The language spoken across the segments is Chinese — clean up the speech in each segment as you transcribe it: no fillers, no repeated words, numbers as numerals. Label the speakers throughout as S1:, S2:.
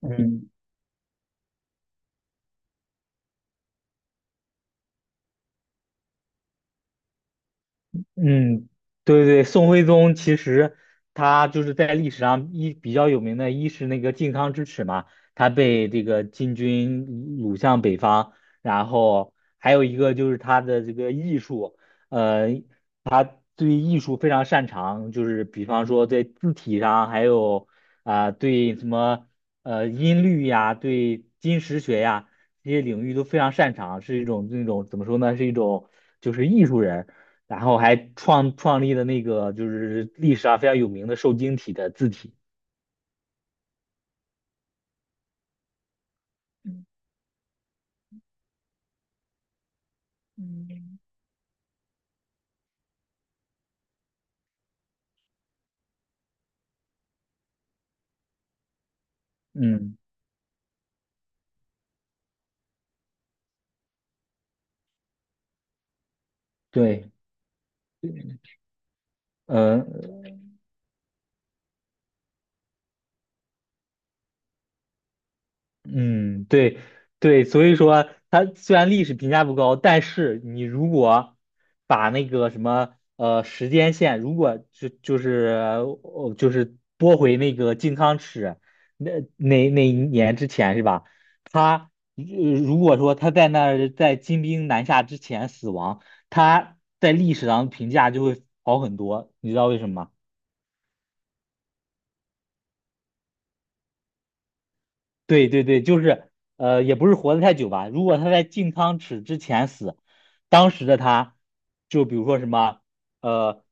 S1: 嗯嗯，对对，宋徽宗其实他就是在历史上比较有名的，一是那个靖康之耻嘛，他被这个金军掳向北方，然后还有一个就是他的这个艺术，呃，他对艺术非常擅长，就是比方说在字体上，还有啊、对什么呃音律呀，对金石学呀这些领域都非常擅长，是一种那种怎么说呢，是一种就是艺术人。然后还创立了那个就是历史上非常有名的瘦金体的字体。嗯嗯，对，嗯、嗯，对对，所以说它虽然历史评价不高，但是你如果把那个什么时间线，如果就是拨回那个靖康耻那那一年之前是吧？他如果说他在那儿在金兵南下之前死亡，他在历史上评价就会好很多，你知道为什么吗？对对对，就是也不是活得太久吧。如果他在进汤匙之前死，当时的他，就比如说什么，呃，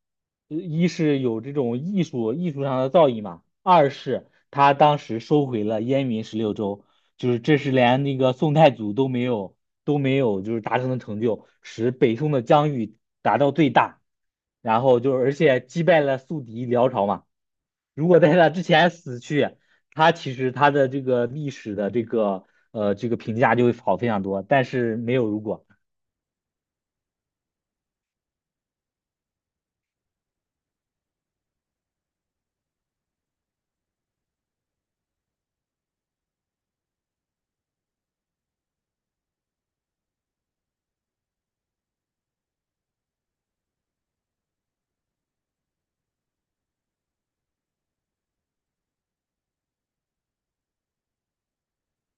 S1: 一是有这种艺术上的造诣嘛，二是他当时收回了燕云十六州，就是这是连那个宋太祖都没有就是达成的成就，使北宋的疆域达到最大，然后就是而且击败了宿敌辽朝嘛。如果在他之前死去，他其实他的这个历史的这个这个评价就会好非常多，但是没有如果。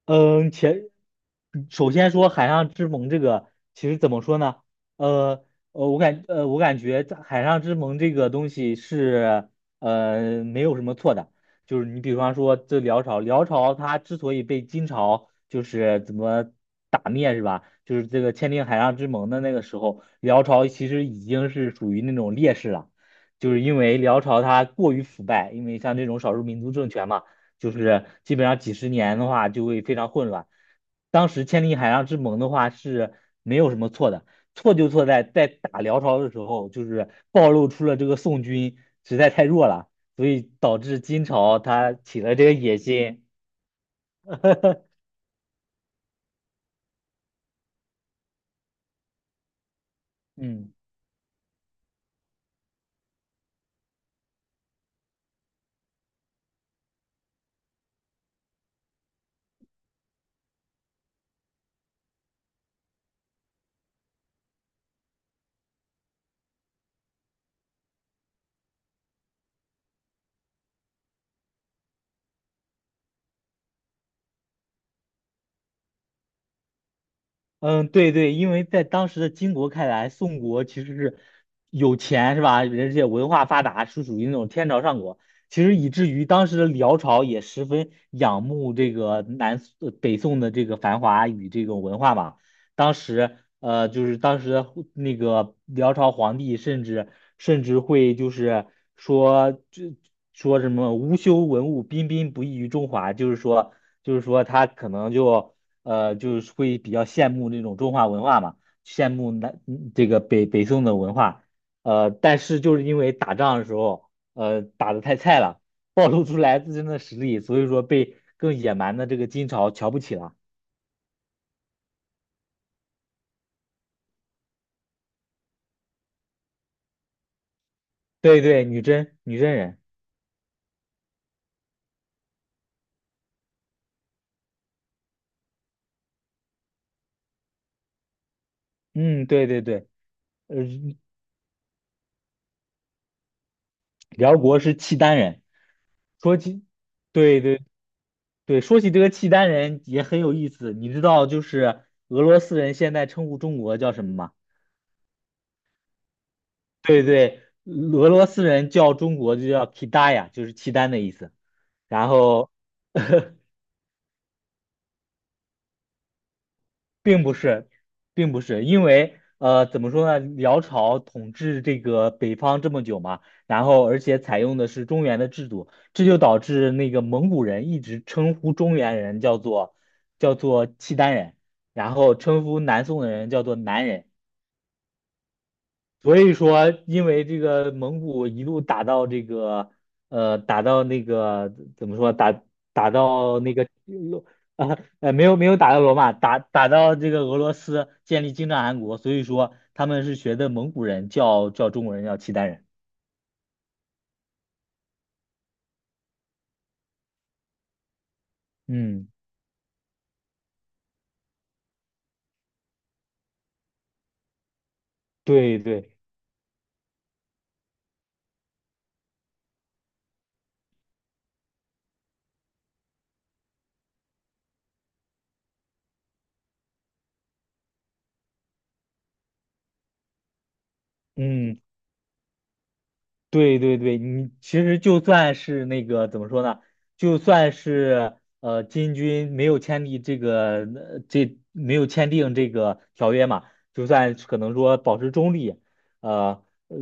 S1: 嗯，前首先说海上之盟这个，其实怎么说呢？呃我感觉在海上之盟这个东西是没有什么错的，就是你比方说这辽朝，辽朝它之所以被金朝就是怎么打灭是吧？就是这个签订海上之盟的那个时候，辽朝其实已经是属于那种劣势了，就是因为辽朝它过于腐败，因为像这种少数民族政权嘛。就是基本上几十年的话就会非常混乱。当时千里海上之盟的话是没有什么错的，错就错在在打辽朝的时候，就是暴露出了这个宋军实在太弱了，所以导致金朝他起了这个野心。嗯。嗯，对对，因为在当时的金国看来，宋国其实是有钱是吧？而且文化发达，是属于那种天朝上国。其实以至于当时的辽朝也十分仰慕这个北宋的这个繁华与这种文化嘛，就是当时的那个辽朝皇帝，甚至会就是说这说什么“无修文物，彬彬不异于中华”，就是说他可能就就是会比较羡慕那种中华文化嘛，羡慕这个北宋的文化，但是就是因为打仗的时候打的太菜了，暴露出来自身的实力，所以说被更野蛮的这个金朝瞧不起了。对对，女真女真人。嗯，对对对，呃，辽国是契丹人。说起，对对对，说起这个契丹人也很有意思。你知道，就是俄罗斯人现在称呼中国叫什么吗？对对，俄罗斯人叫中国就叫 k i d a y a 就是契丹的意思。然后并不是，并不是，因为怎么说呢？辽朝统治这个北方这么久嘛，然后而且采用的是中原的制度，这就导致那个蒙古人一直称呼中原人叫做契丹人，然后称呼南宋的人叫做南人。所以说，因为这个蒙古一路打到这个，打到那个怎么说，打打到那个罗啊呃，没有没有打到罗马，打到这个俄罗斯建立金帐汗国，所以说他们是学的蒙古人叫中国人叫契丹人。嗯，对对，嗯。对对对，你其实就算是那个怎么说呢，就算是金军没有签订这个没有签订这个条约嘛，就算是可能说保持中立，呃呃，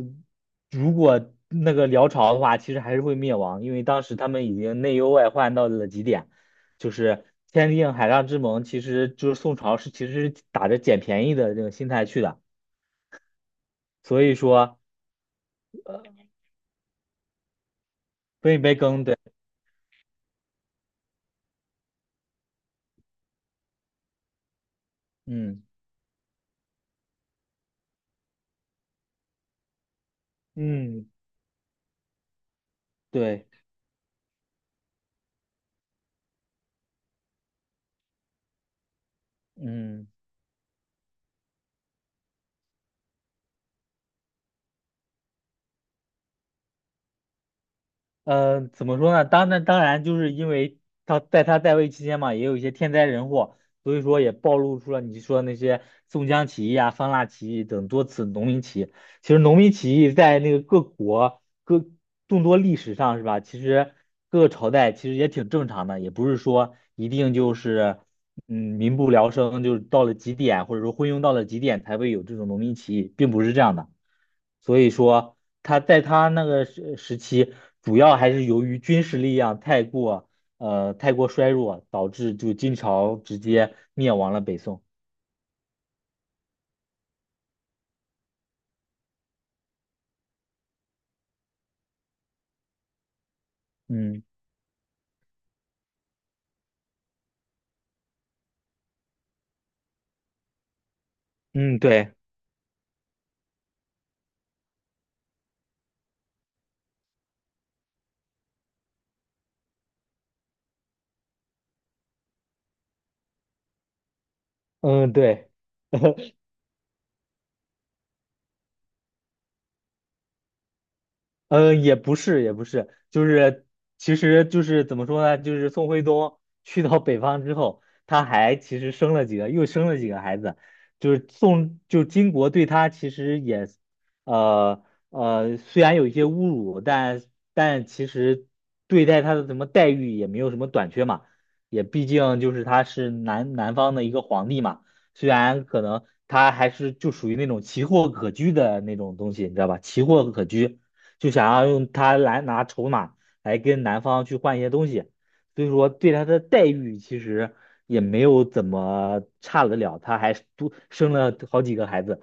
S1: 如果那个辽朝的话，其实还是会灭亡，因为当时他们已经内忧外患到了极点，就是签订海上之盟，其实宋朝其实是打着捡便宜的这个心态去的，所以说呃分一杯羹，对，嗯。嗯，对，嗯，怎么说呢？当然，当然，就是因为他在位期间嘛，也有一些天灾人祸，所以说也暴露出了你说那些宋江起义啊、方腊起义等多次农民起义。其实农民起义在那个各国各众多历史上是吧？其实各个朝代其实也挺正常的，也不是说一定就是民不聊生，就是到了极点，或者说昏庸到了极点才会有这种农民起义，并不是这样的。所以说他在他那个时期，主要还是由于军事力量太过衰弱，导致就金朝直接灭亡了北宋。嗯嗯，对，嗯对。嗯，也不是，也不是，就是，其实就是怎么说呢？就是宋徽宗去到北方之后，他其实生了几个孩子，就是宋，就金国对他其实也，呃虽然有一些侮辱，但但其实对待他的什么待遇也没有什么短缺嘛，也毕竟就是他是南方的一个皇帝嘛，虽然可能他还是就属于那种奇货可居的那种东西，你知道吧？奇货可居。就想要用他来拿筹码来跟男方去换一些东西，所以说对他的待遇其实也没有怎么差得了，他还多生了好几个孩子。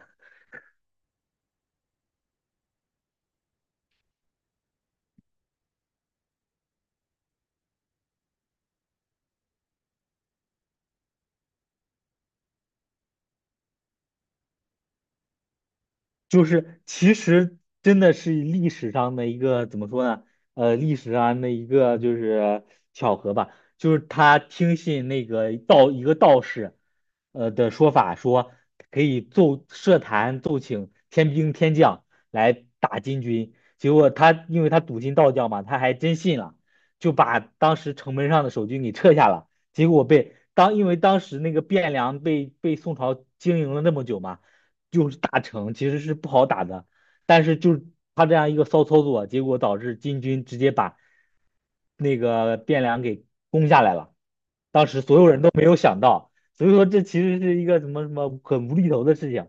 S1: 就是其实真的是历史上的一个怎么说呢？历史上的一个就是巧合吧，就是他听信那个道一个道士的说法，说可以设坛奏请天兵天将来打金军，结果他因为他笃信道教嘛，他还真信了，就把当时城门上的守军给撤下了，结果被当因为当时那个汴梁被宋朝经营了那么久嘛。就是大城其实是不好打的，但是就是他这样一个骚操作，结果导致金军直接把那个汴梁给攻下来了。当时所有人都没有想到，所以说这其实是一个什么什么很无厘头的事情。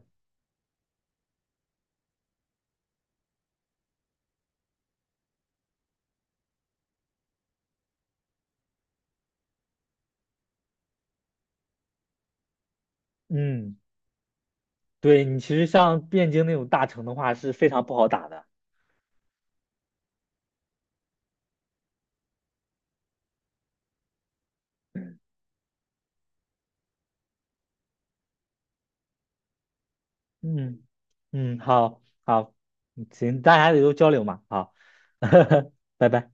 S1: 嗯，对你其实像汴京那种大城的话是非常不好打的。嗯好好，大家也都交流嘛，好，拜拜。